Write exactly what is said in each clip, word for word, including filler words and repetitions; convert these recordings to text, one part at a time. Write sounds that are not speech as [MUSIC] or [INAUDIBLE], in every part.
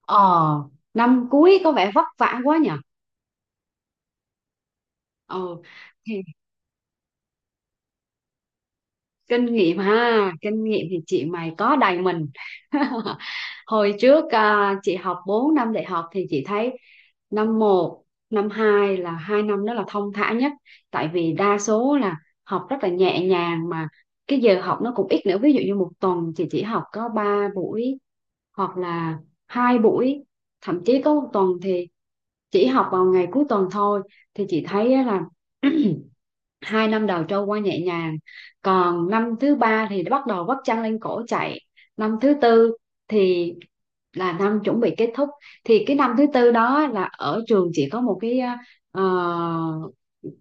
Ờ, năm cuối có vẻ vất vả quá nhỉ. Ờ, thì kinh nghiệm ha kinh nghiệm thì chị mày có đầy mình. [LAUGHS] Hồi trước à, chị học bốn năm đại học thì chị thấy năm một, năm hai là hai năm đó là thong thả nhất, tại vì đa số là học rất là nhẹ nhàng mà cái giờ học nó cũng ít nữa. Ví dụ như một tuần chị chỉ học có ba buổi hoặc là hai buổi, thậm chí có một tuần thì chỉ học vào ngày cuối tuần thôi. Thì chị thấy á là [CLEARS THROAT] hai năm đầu trôi qua nhẹ nhàng, còn năm thứ ba thì bắt đầu vắt chăn lên cổ chạy. Năm thứ tư thì là năm chuẩn bị kết thúc, thì cái năm thứ tư đó là ở trường chỉ có một cái ờ,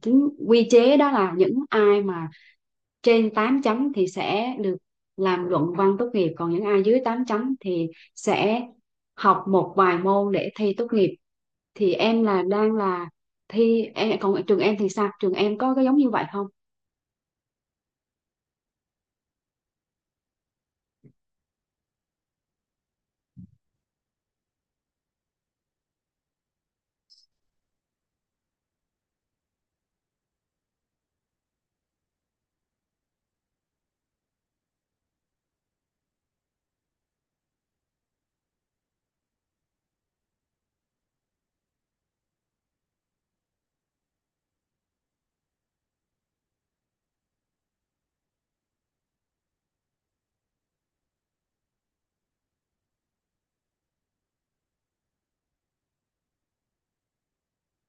chính quy chế, đó là những ai mà trên tám chấm thì sẽ được làm luận văn tốt nghiệp, còn những ai dưới tám chấm thì sẽ học một vài môn để thi tốt nghiệp. Thì em là đang là thi em, còn trường em thì sao, trường em có cái giống như vậy không?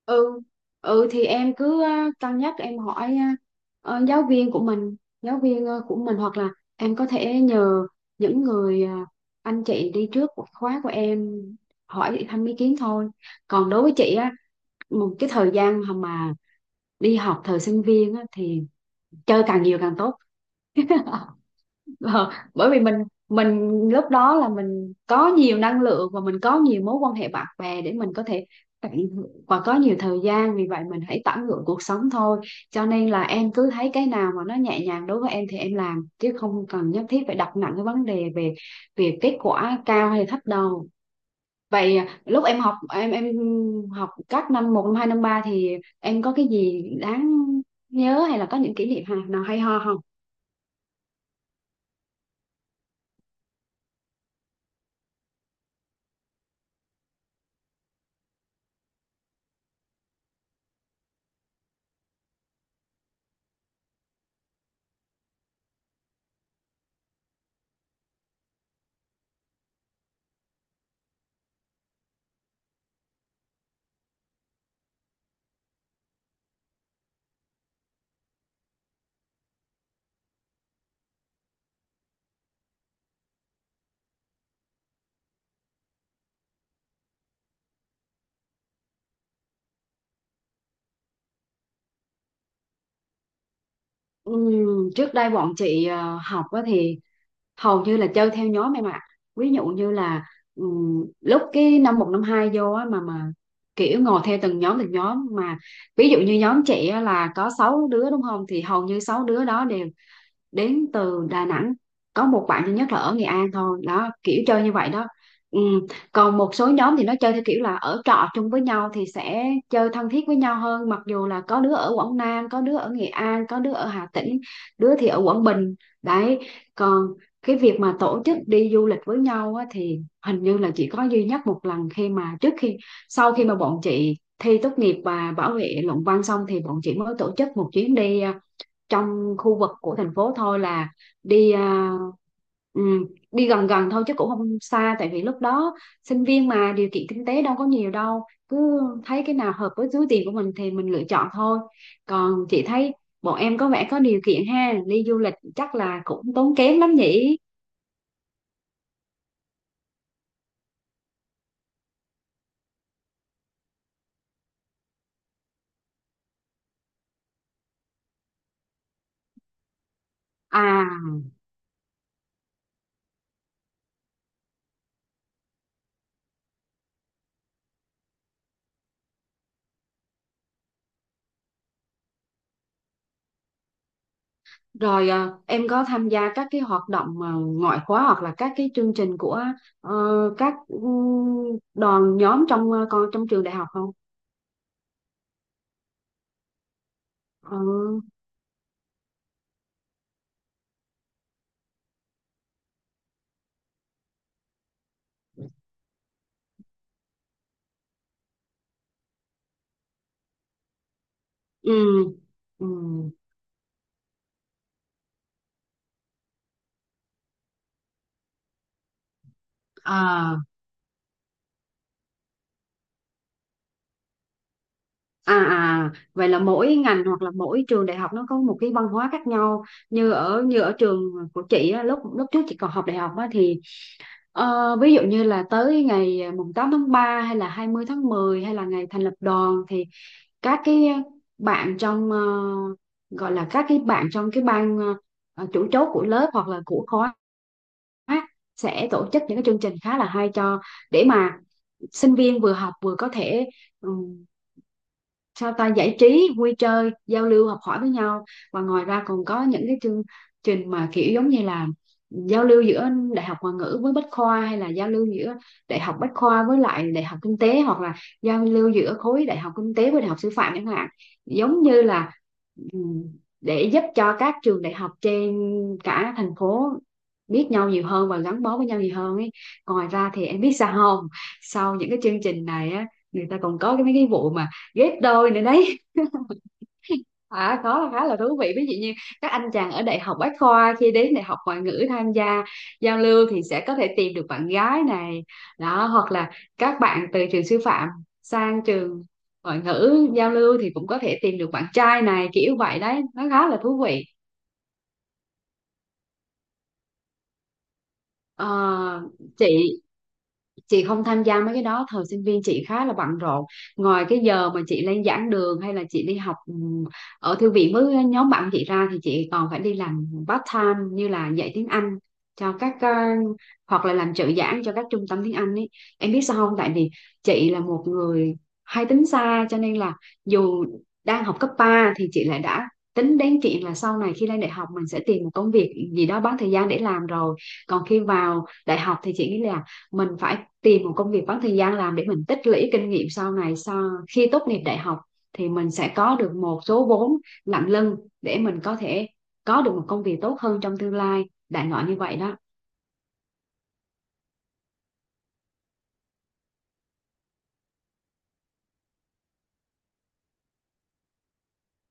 Ừ, ừ, thì em cứ ờ, cân nhắc, em hỏi ờ, ờ, giáo viên của mình, giáo viên ờ, của mình hoặc là em có thể nhờ những người ờ, anh chị đi trước của khóa của em hỏi thăm ý kiến thôi. Còn đối với chị á, một cái thời gian mà đi học thời sinh viên á, thì chơi càng nhiều càng tốt. Ờ, bởi vì mình mình lúc đó là mình có nhiều năng lượng và mình có nhiều mối quan hệ bạn bè để mình có thể tận hưởng, và có nhiều thời gian, vì vậy mình hãy tận hưởng cuộc sống thôi. Cho nên là em cứ thấy cái nào mà nó nhẹ nhàng đối với em thì em làm, chứ không cần nhất thiết phải đặt nặng cái vấn đề về về kết quả cao hay thấp đâu. Vậy à, lúc em học em em học các năm một, năm hai, năm ba thì em có cái gì đáng nhớ hay là có những kỷ niệm nào hay ho không? Ừm, trước đây bọn chị ờ, học á thì hầu như là chơi theo nhóm em ạ. Ví dụ như là ừm, lúc cái năm một năm hai vô á mà mà kiểu ngồi theo từng nhóm từng nhóm mà, ví dụ như nhóm chị á là có sáu đứa đúng không, thì hầu như sáu đứa đó đều đến từ Đà Nẵng, có một bạn duy nhất là ở Nghệ An thôi, đó kiểu chơi như vậy đó. Ừ. Còn một số nhóm thì nó chơi theo kiểu là ở trọ chung với nhau thì sẽ chơi thân thiết với nhau hơn, mặc dù là có đứa ở Quảng Nam, có đứa ở Nghệ An, có đứa ở Hà Tĩnh, đứa thì ở Quảng Bình đấy. Còn cái việc mà tổ chức đi du lịch với nhau á, thì hình như là chỉ có duy nhất một lần khi mà trước khi sau khi mà bọn chị thi tốt nghiệp và bảo vệ luận văn xong thì bọn chị mới tổ chức một chuyến đi, à, trong khu vực của thành phố thôi, là đi à, ừm, đi gần gần thôi chứ cũng không xa, tại vì lúc đó sinh viên mà điều kiện kinh tế đâu có nhiều đâu, cứ thấy cái nào hợp với túi tiền của mình thì mình lựa chọn thôi. Còn chị thấy bọn em có vẻ có điều kiện ha, đi du lịch chắc là cũng tốn kém lắm nhỉ. À, rồi, à, em có tham gia các cái hoạt động à, ngoại khóa hoặc là các cái chương trình của ờ, các ừ, đoàn nhóm trong ờ, con trong trường đại học không? Ừ. Ừ, ừ. À, à, à, vậy là mỗi ngành hoặc là mỗi trường đại học nó có một cái văn hóa khác nhau. Như ở như ở trường của chị á, lúc lúc trước chị còn học đại học á, thì ờ, ví dụ như là tới ngày à, mùng tám tháng ba hay là hai mươi tháng mười hay là ngày thành lập đoàn thì các cái bạn trong ờ, gọi là các cái bạn trong cái ban ờ, ờ, chủ chốt của lớp hoặc là của khóa sẽ tổ chức những cái chương trình khá là hay cho, để mà sinh viên vừa học vừa có thể sao ta, giải trí, vui chơi, giao lưu, học hỏi với nhau. Và ngoài ra còn có những cái chương trình mà kiểu giống như là giao lưu giữa đại học ngoại ngữ với bách khoa, hay là giao lưu giữa đại học bách khoa với lại đại học kinh tế, hoặc là giao lưu giữa khối đại học kinh tế với đại học sư phạm chẳng hạn. Giống như là ừm, để giúp cho các trường đại học trên cả thành phố biết nhau nhiều hơn và gắn bó với nhau nhiều hơn ấy. Ngoài ra thì em biết sao không? Sau những cái chương trình này á, người ta còn có cái mấy cái vụ mà ghép đôi nữa đấy. À, có, là khá là thú vị, ví dụ như các anh chàng ở đại học Bách Khoa khi đến đại học ngoại ngữ tham gia giao lưu thì sẽ có thể tìm được bạn gái này đó, hoặc là các bạn từ trường sư phạm sang trường ngoại ngữ giao lưu thì cũng có thể tìm được bạn trai này, kiểu vậy đấy, nó khá là thú vị. Ờ, chị chị không tham gia mấy cái đó, thời sinh viên chị khá là bận rộn. Ngoài cái giờ mà chị lên giảng đường hay là chị đi học ừm, ở thư viện với nhóm bạn chị ra thì chị còn phải đi làm part time, như là dạy tiếng Anh cho các ờ, hoặc là làm trợ giảng cho các trung tâm tiếng Anh ấy. Em biết sao không, tại vì chị là một người hay tính xa, cho nên là dù đang học cấp ba thì chị lại đã tính đến chuyện là sau này khi lên đại học mình sẽ tìm một công việc gì đó bán thời gian để làm rồi. Còn khi vào đại học thì chị nghĩ là mình phải tìm một công việc bán thời gian làm để mình tích lũy kinh nghiệm, sau này sau khi tốt nghiệp đại học thì mình sẽ có được một số vốn nặng lưng để mình có thể có được một công việc tốt hơn trong tương lai, đại loại như vậy đó.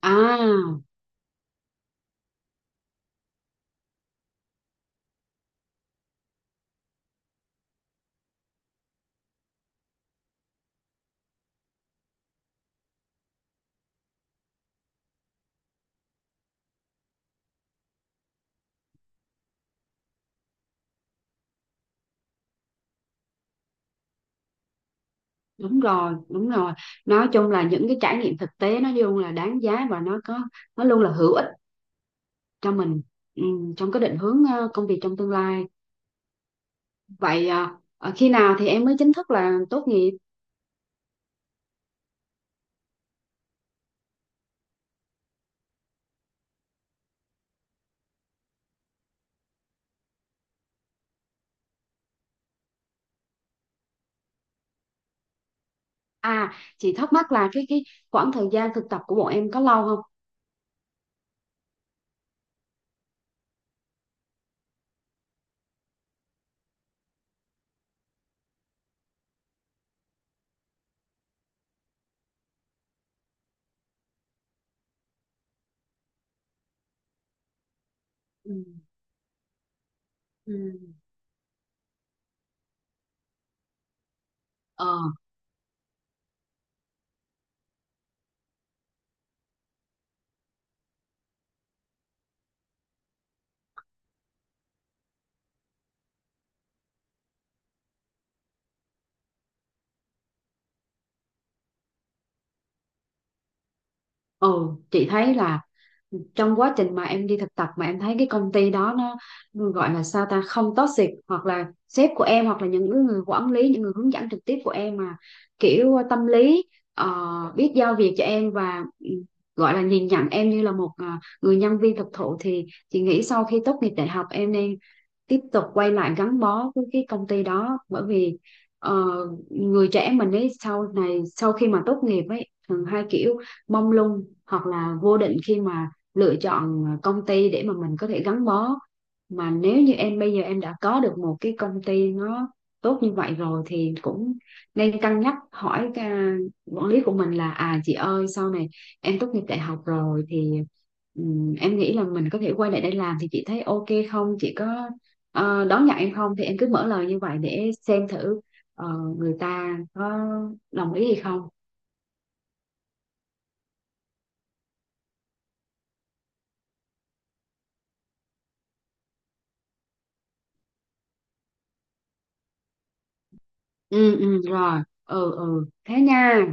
À, đúng rồi, đúng rồi, nói chung là những cái trải nghiệm thực tế nó luôn là đáng giá và nó có nó luôn là hữu ích cho mình, ừ, trong cái định hướng ờ, công việc trong tương lai. Vậy à, ờ, khi nào thì em mới chính thức là tốt nghiệp? À, chị thắc mắc là cái cái khoảng thời gian thực tập của bọn em có lâu không? Ừ. Ừ. Ờ, ừ, chị thấy là trong quá trình mà em đi thực tập mà em thấy cái công ty đó nó gọi là sao ta, không toxic, hoặc là sếp của em hoặc là những người quản lý, những người hướng dẫn trực tiếp của em mà kiểu tâm lý, ờ, biết giao việc cho em và ừ, gọi là nhìn nhận em như là một ờ, người nhân viên thực thụ, thì chị nghĩ sau khi tốt nghiệp đại học em nên tiếp tục quay lại gắn bó với cái công ty đó. Bởi vì ờ, người trẻ mình ấy sau này sau khi mà tốt nghiệp ấy thường hai kiểu, mông lung hoặc là vô định khi mà lựa chọn công ty để mà mình có thể gắn bó. Mà nếu như em bây giờ em đã có được một cái công ty nó tốt như vậy rồi thì cũng nên cân nhắc hỏi cái, à, quản lý của mình là à chị ơi, sau này em tốt nghiệp đại học rồi thì ừm, em nghĩ là mình có thể quay lại đây làm, thì chị thấy ok không, chị có ờ, đón nhận em không, thì em cứ mở lời như vậy để xem thử ờ, người ta có đồng ý hay không. Ừ, ừ rồi. Ừ, ừ, thế nha.